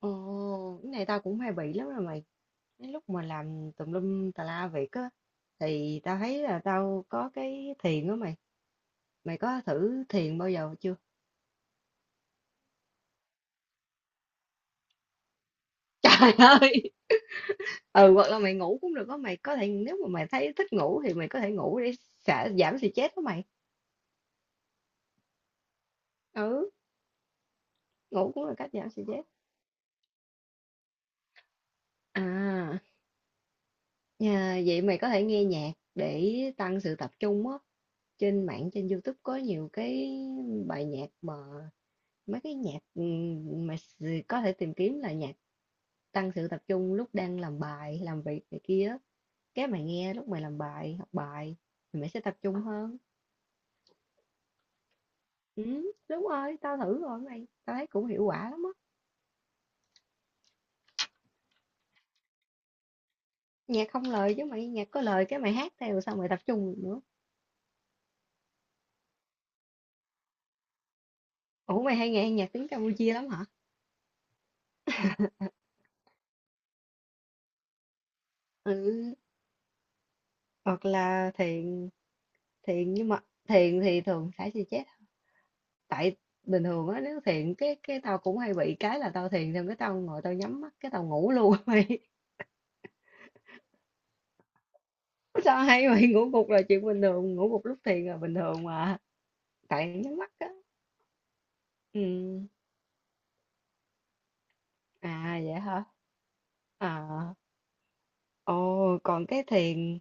Ồ, cái này tao cũng hay bị lắm rồi mày. Cái lúc mà làm tùm lum tà la việc á, thì tao thấy là tao có cái thiền đó mày. Mày có thử thiền bao giờ chưa? Trời ơi! Ừ, hoặc là mày ngủ cũng được đó mày. Có thể nếu mà mày thấy thích ngủ thì mày có thể ngủ để xả, giảm stress đó mày. Ừ, ngủ cũng là cách giảm stress. À, nhà, vậy mày có thể nghe nhạc để tăng sự tập trung á. Trên mạng, trên YouTube có nhiều cái bài nhạc mà mấy cái nhạc có thể tìm kiếm là nhạc tăng sự tập trung lúc đang làm bài làm việc này kia á. Cái mày nghe lúc mày làm bài học bài thì mày sẽ tập trung hơn. Ừ, đúng rồi, tao thử rồi mày, tao thấy cũng hiệu quả lắm á. Nhạc không lời chứ mày, nhạc có lời cái mày hát theo sao mày tập trung được nữa. Ủa, mày hay nghe nhạc tiếng Campuchia lắm hả? Ừ, hoặc là thiền. Thiền nhưng mà thiền thì thường phải thì chết. Tại bình thường á, nếu thiền cái tao cũng hay bị cái là tao thiền xong cái tao ngồi tao nhắm mắt cái tao ngủ luôn. Sao hay vậy? Ngủ gục là chuyện bình thường, ngủ gục lúc thiền là bình thường mà. Tại nhắm mắt á. Ừ. À vậy hả? À. Ồ, còn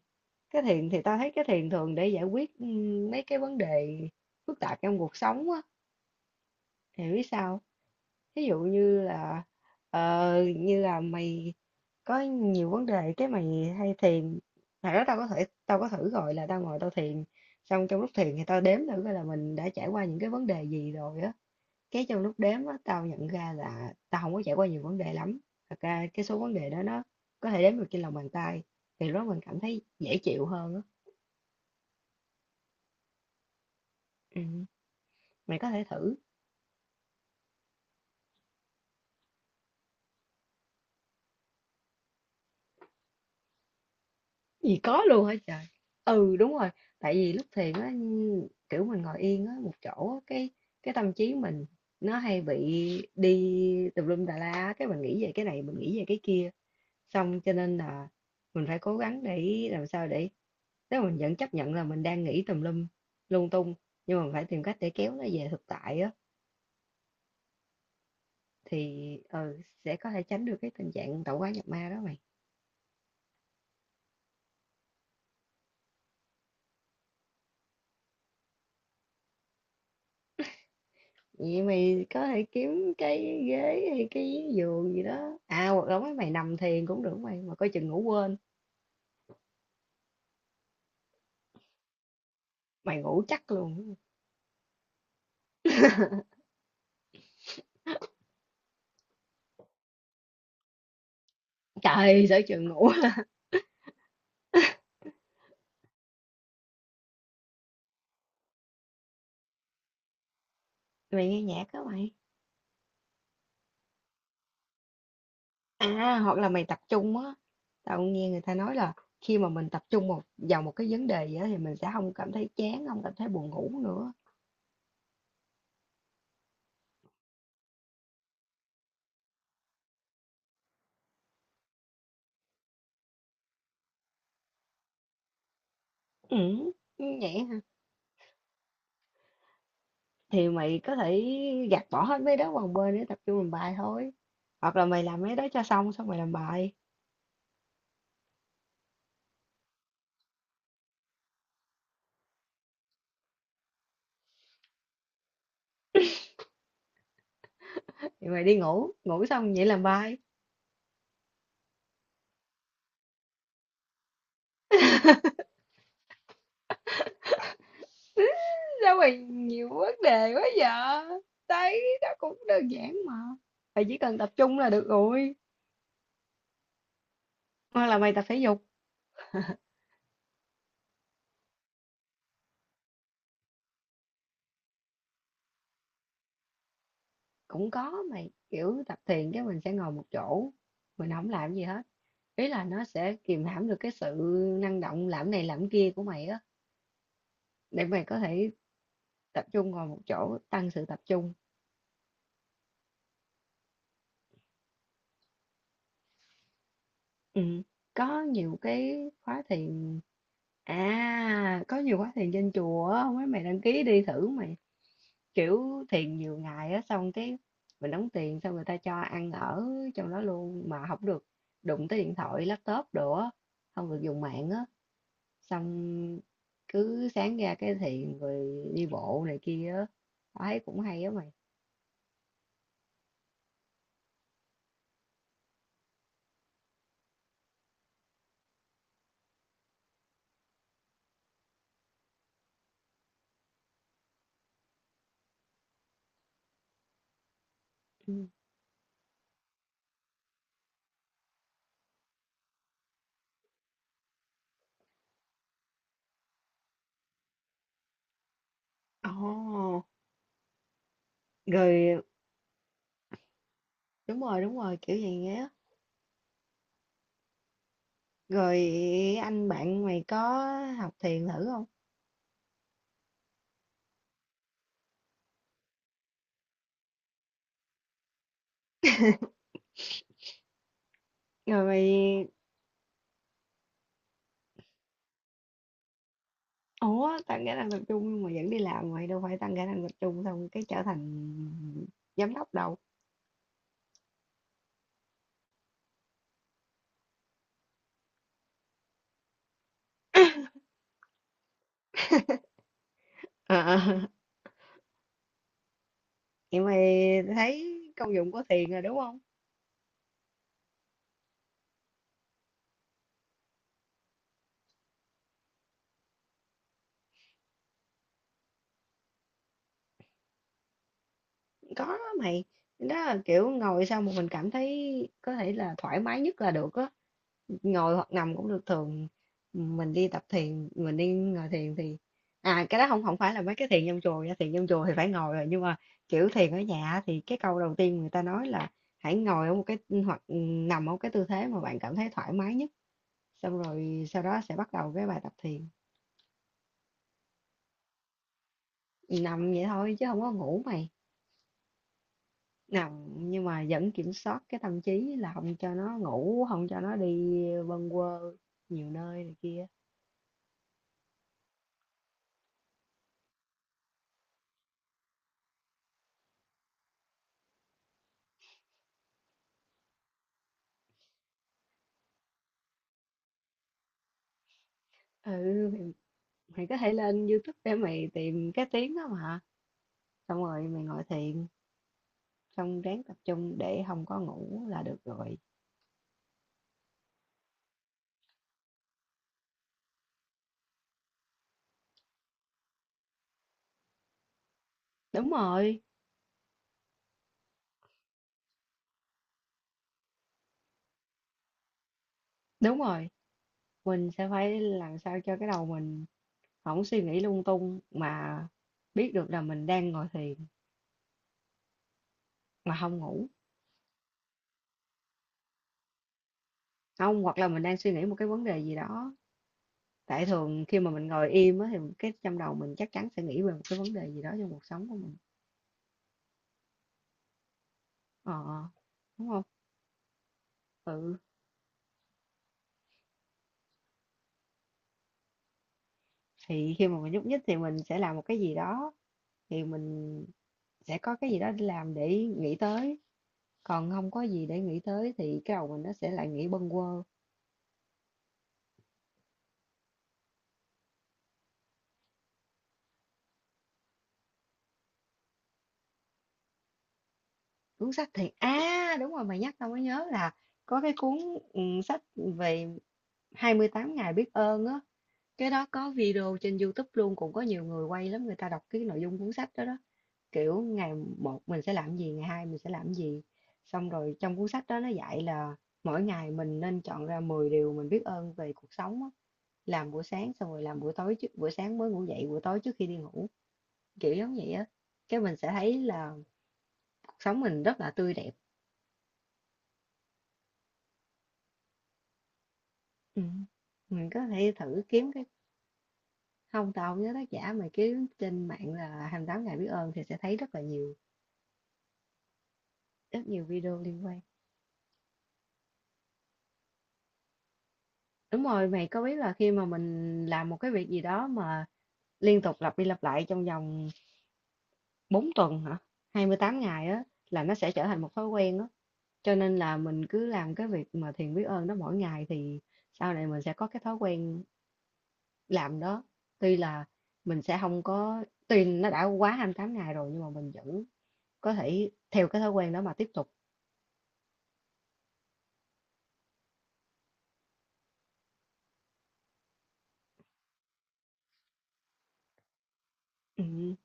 cái thiền thì ta thấy cái thiền thường để giải quyết mấy cái vấn đề phức tạp trong cuộc sống á. Thì biết sao? Ví dụ như là như là mày có nhiều vấn đề cái mày hay thiền. Thật đó, tao có thử rồi là tao ngồi tao thiền xong trong lúc thiền thì tao đếm thử coi là mình đã trải qua những cái vấn đề gì rồi á. Cái trong lúc đếm á, tao nhận ra là tao không có trải qua nhiều vấn đề lắm, thật ra cái số vấn đề đó nó có thể đếm được trên lòng bàn tay, thì lúc đó mình cảm thấy dễ chịu hơn á. Ừm, mày có thể thử. Gì có luôn hả trời? Ừ, đúng rồi, tại vì lúc thiền á, kiểu, mình ngồi yên á, một chỗ á, cái tâm trí mình nó hay bị đi tùm lum tà la á, cái mình nghĩ về cái này, mình nghĩ về cái kia, xong cho nên là mình phải cố gắng để làm sao để, nếu mình vẫn chấp nhận là mình đang nghĩ tùm lum lung tung, nhưng mà mình phải tìm cách để kéo nó về thực tại á. Thì sẽ có thể tránh được cái tình trạng tạo hóa nhập ma đó mày. Vậy mày có thể kiếm cái ghế hay cái giường gì đó, à hoặc là mấy mày nằm thiền cũng được mày, mà coi chừng ngủ quên. Mày ngủ chắc luôn. Trời sợ chừng ngủ. Mày nghe nhạc đó mày. À hoặc là mày tập trung á, tao cũng nghe người ta nói là khi mà mình tập trung vào một cái vấn đề gì đó thì mình sẽ không cảm thấy chán, không cảm thấy buồn ngủ nữa. Ừ, vậy hả? Thì mày có thể gạt bỏ hết mấy đó qua một bên để tập trung làm bài thôi. Hoặc là mày làm mấy đó cho xong xong mày làm bài. Thì mày đi ngủ, ngủ xong vậy làm bài. Sao mày nhiều vấn đề quá vậy? Thấy đó cũng đơn giản mà. Mày chỉ cần tập trung là được rồi. Hoặc là mày tập thể dục cũng có mày, kiểu tập thiền cái mình sẽ ngồi một chỗ, mình không làm gì hết. Ý là nó sẽ kìm hãm được cái sự năng động làm này làm kia của mày á, để mày có thể tập trung ngồi một chỗ, tăng sự tập trung. Ừ. Có nhiều cái khóa thiền, à có nhiều khóa thiền trên chùa á, mấy mày đăng ký đi thử mày. Kiểu thiền nhiều ngày á, xong cái mình đóng tiền xong người ta cho ăn ở trong đó luôn, mà không được đụng tới điện thoại laptop đồ á, không được dùng mạng á. Xong cứ sáng ra cái thiền rồi đi bộ này kia á, tao thấy cũng hay á mày. Ừ. Ồ, rồi, đúng rồi đúng rồi, kiểu vậy á. Rồi anh bạn mày có học thiền thử không? Rồi mày. Ủa, tăng khả năng tập trung nhưng mà vẫn đi làm mày, đâu phải tăng khả năng tập trung xong cái trở thành giám đốc đâu. Ờ, vậy mày thấy công dụng của thiền rồi đúng không? Có mày. Đó là kiểu ngồi sao mà mình cảm thấy có thể là thoải mái nhất là được á. Ngồi hoặc nằm cũng được, thường mình đi tập thiền, mình đi ngồi thiền thì, à cái đó không không phải là mấy cái thiền trong chùa nha, thiền trong chùa thì phải ngồi rồi, nhưng mà kiểu thiền ở nhà thì cái câu đầu tiên người ta nói là hãy ngồi ở một cái hoặc nằm ở một cái tư thế mà bạn cảm thấy thoải mái nhất, xong rồi sau đó sẽ bắt đầu cái bài tập thiền. Nằm vậy thôi chứ không có ngủ mày. Nằm nhưng mà vẫn kiểm soát cái tâm trí là không cho nó ngủ, không cho nó đi bâng quơ nhiều nơi này kia. Ừ mày, có thể lên YouTube để mày tìm cái tiếng đó mà, xong rồi mày ngồi thiền, xong ráng tập trung để không có ngủ là được rồi. Đúng rồi. Đúng rồi, mình sẽ phải làm sao cho cái đầu mình không suy nghĩ lung tung mà biết được là mình đang ngồi thiền mà không ngủ. Không, hoặc là mình đang suy nghĩ một cái vấn đề gì đó, tại thường khi mà mình ngồi im á thì cái trong đầu mình chắc chắn sẽ nghĩ về một cái vấn đề gì đó trong cuộc sống của mình. Ờ, đúng không? Ừ, thì khi mà mình nhúc nhích thì mình sẽ làm một cái gì đó, thì mình sẽ có cái gì đó để làm để nghĩ tới, còn không có gì để nghĩ tới thì cái đầu mình nó sẽ lại nghĩ bâng quơ. Cuốn sách thì, à đúng rồi mày nhắc tao mới nhớ là có cái cuốn sách về 28 ngày biết ơn á. Cái đó có video trên YouTube luôn, cũng có nhiều người quay lắm, người ta đọc cái nội dung cuốn sách đó đó. Kiểu ngày một mình sẽ làm gì, ngày hai mình sẽ làm gì, xong rồi trong cuốn sách đó nó dạy là mỗi ngày mình nên chọn ra 10 điều mình biết ơn về cuộc sống á. Làm buổi sáng xong rồi làm buổi tối, trước buổi sáng mới ngủ dậy, buổi tối trước khi đi ngủ, kiểu giống vậy á. Cái mình sẽ thấy là cuộc sống mình rất là tươi đẹp. Ừ. Mình có thể thử kiếm cái, không tao không nhớ tác giả, mà kiếm trên mạng là 28 ngày biết ơn thì sẽ thấy rất là nhiều, rất nhiều video liên quan. Đúng rồi, mày có biết là khi mà mình làm một cái việc gì đó mà liên tục lặp đi lặp lại trong vòng 4 tuần hả? 28 ngày á, là nó sẽ trở thành một thói quen á. Cho nên là mình cứ làm cái việc mà thiền biết ơn đó mỗi ngày thì sau này mình sẽ có cái thói quen làm đó. Tuy là mình sẽ không có, tuy nó đã quá 28 ngày rồi nhưng mà mình vẫn có thể theo cái thói quen đó mà tiếp tục. Ừ.